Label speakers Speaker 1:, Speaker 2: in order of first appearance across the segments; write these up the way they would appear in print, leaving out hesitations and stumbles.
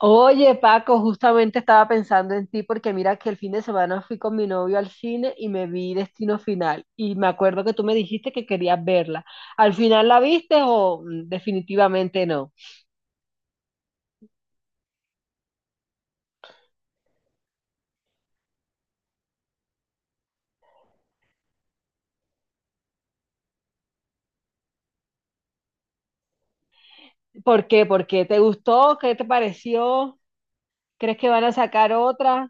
Speaker 1: Oye, Paco, justamente estaba pensando en ti porque mira que el fin de semana fui con mi novio al cine y me vi Destino Final y me acuerdo que tú me dijiste que querías verla. ¿Al final la viste o definitivamente no? ¿Por qué? ¿Por qué? ¿Te gustó? ¿Qué te pareció? ¿Crees que van a sacar otra?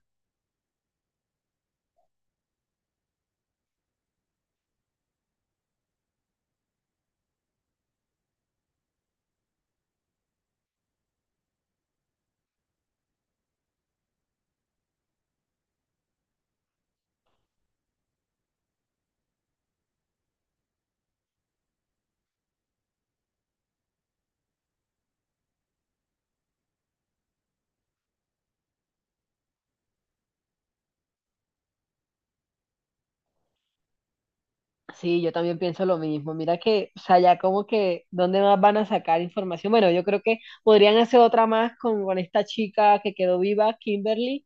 Speaker 1: Sí, yo también pienso lo mismo. Mira que, o sea, ya como que, ¿dónde más van a sacar información? Bueno, yo creo que podrían hacer otra más con esta chica que quedó viva, Kimberly,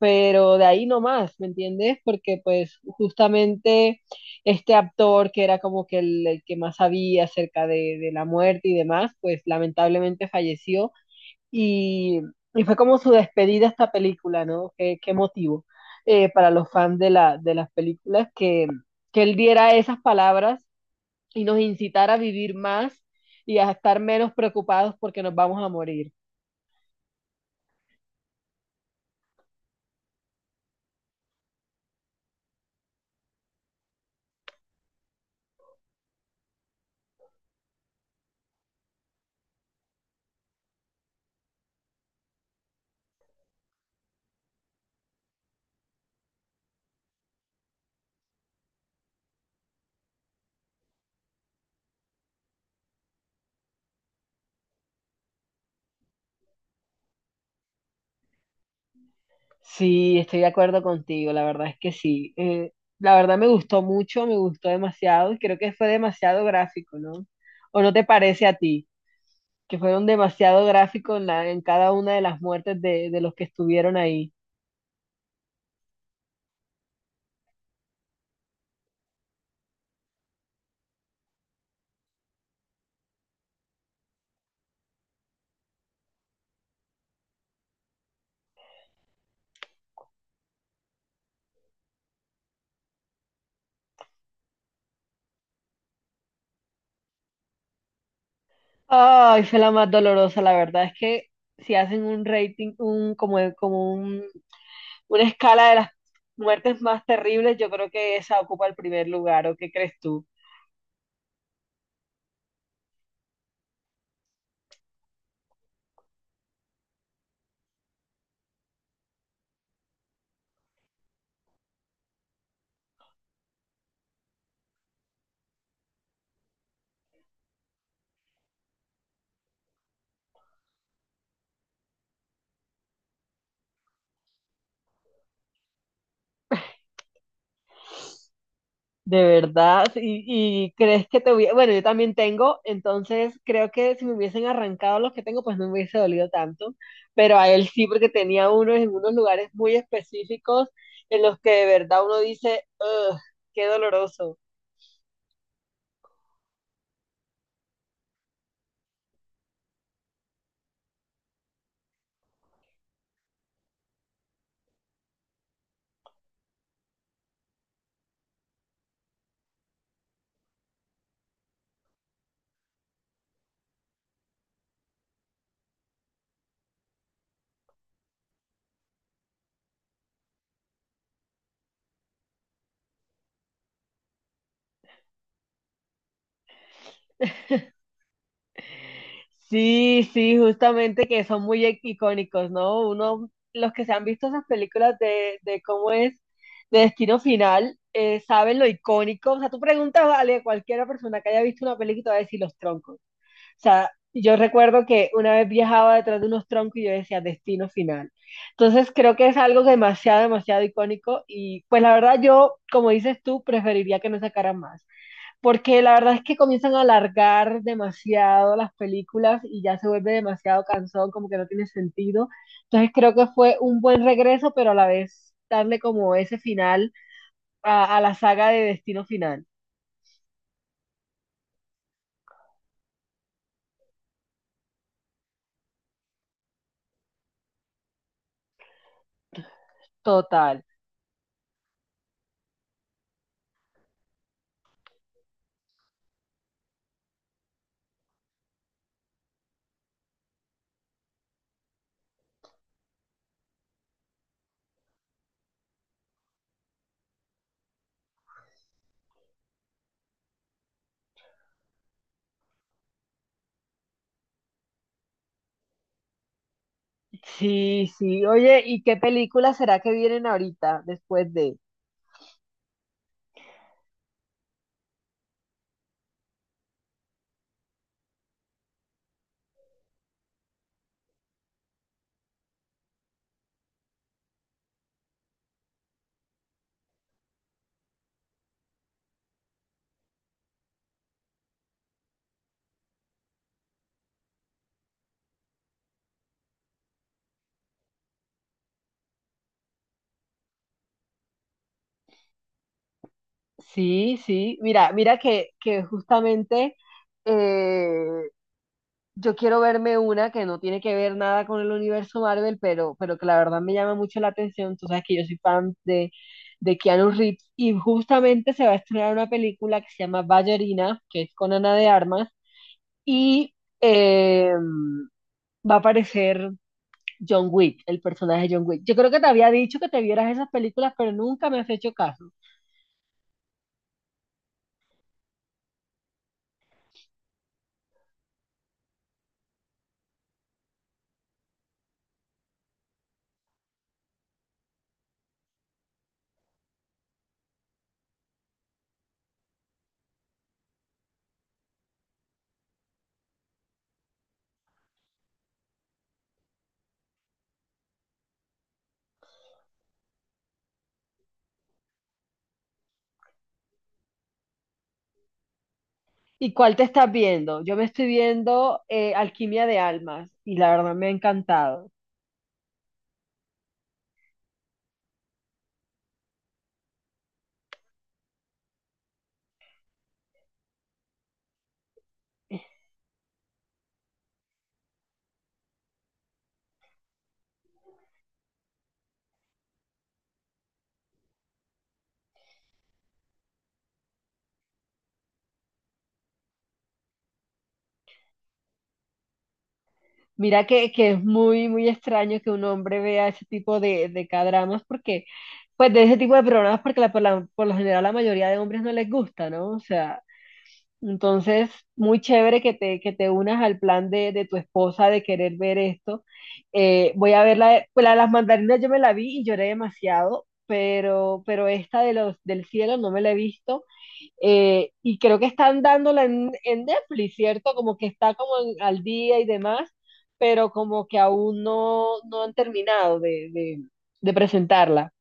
Speaker 1: pero de ahí no más, ¿me entiendes? Porque pues justamente este actor que era como que el que más sabía acerca de la muerte y demás, pues lamentablemente falleció y, y fue como su despedida a esta película, ¿no? Qué motivo, para los fans de las películas que él diera esas palabras y nos incitara a vivir más y a estar menos preocupados porque nos vamos a morir. Sí, estoy de acuerdo contigo, la verdad es que sí. La verdad me gustó mucho, me gustó demasiado y creo que fue demasiado gráfico, ¿no? ¿O no te parece a ti que fueron demasiado gráficos en, en cada una de las muertes de los que estuvieron ahí? Ay, fue la más dolorosa, la verdad es que si hacen un rating, un, como, como un, una escala de las muertes más terribles, yo creo que esa ocupa el primer lugar, ¿o qué crees tú? De verdad, y crees que te hubiera, bueno, yo también tengo, entonces creo que si me hubiesen arrancado los que tengo, pues no me hubiese dolido tanto, pero a él sí, porque tenía unos en unos lugares muy específicos en los que de verdad uno dice, "Ugh, qué doloroso". Sí, sí, justamente que son muy icónicos, ¿no? Uno, los que se han visto esas películas de cómo es, de Destino Final, saben lo icónico, o sea, tú preguntas, vale, a cualquiera persona que haya visto una película te va a decir los troncos. O sea, yo recuerdo que una vez viajaba detrás de unos troncos y yo decía destino final. Entonces creo que es algo demasiado, demasiado icónico y pues la verdad yo, como dices tú, preferiría que no sacaran más, porque la verdad es que comienzan a alargar demasiado las películas y ya se vuelve demasiado cansón, como que no tiene sentido. Entonces creo que fue un buen regreso, pero a la vez darle como ese final a la saga de destino final. Total. Sí, sí. Oye, ¿y qué película será que vienen ahorita después de? Sí, sí. Mira, mira que justamente eh, yo quiero verme una que no tiene que ver nada con el universo Marvel, pero que la verdad me llama mucho la atención. Tú sabes que yo soy fan de Keanu Reeves y justamente se va a estrenar una película que se llama Ballerina, que es con Ana de Armas y eh, va a aparecer John Wick, el personaje de John Wick. Yo creo que te había dicho que te vieras esas películas, pero nunca me has hecho caso. ¿Y cuál te estás viendo? Yo me estoy viendo Alquimia de Almas y la verdad me ha encantado. Mira que es muy, muy extraño que un hombre vea ese tipo de K-dramas porque, pues de ese tipo de programas porque por lo general la mayoría de hombres no les gusta, ¿no? O sea, entonces, muy chévere que te unas al plan de tu esposa de querer ver esto. Voy a ver la, pues la de las mandarinas, yo me la vi y lloré demasiado, pero esta de los del cielo no me la he visto. Y creo que están dándola en Netflix, ¿cierto? Como que está como al día y demás, pero como que aún no, no han terminado de, de presentarla.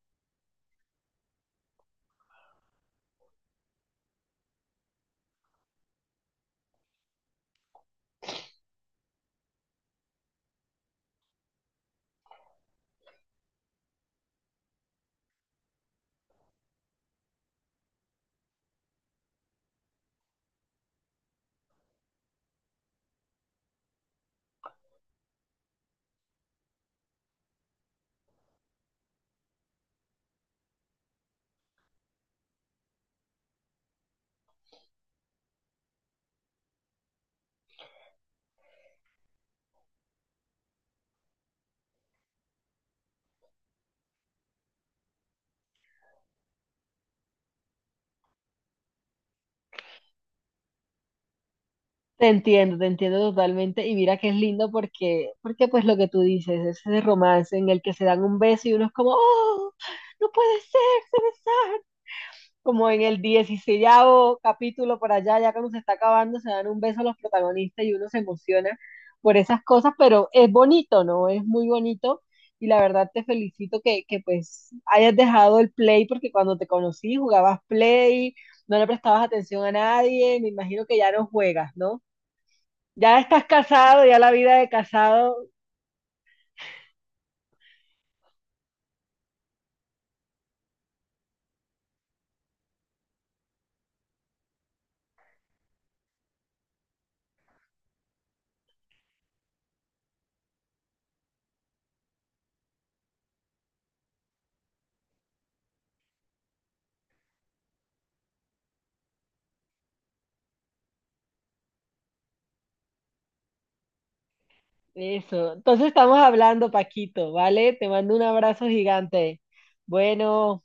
Speaker 1: Te entiendo totalmente. Y mira que es lindo porque, porque pues lo que tú dices, es ese romance en el que se dan un beso y uno es como, ¡oh! No puede ser, se besaron. Como en el dieciséavo capítulo por allá, ya cuando se está acabando, se dan un beso a los protagonistas y uno se emociona por esas cosas, pero es bonito, ¿no? Es muy bonito. Y la verdad te felicito que pues hayas dejado el play porque cuando te conocí jugabas play, no le prestabas atención a nadie, me imagino que ya no juegas, ¿no? Ya estás casado, ya la vida de casado, eso. Entonces estamos hablando, Paquito, ¿vale? Te mando un abrazo gigante. Bueno.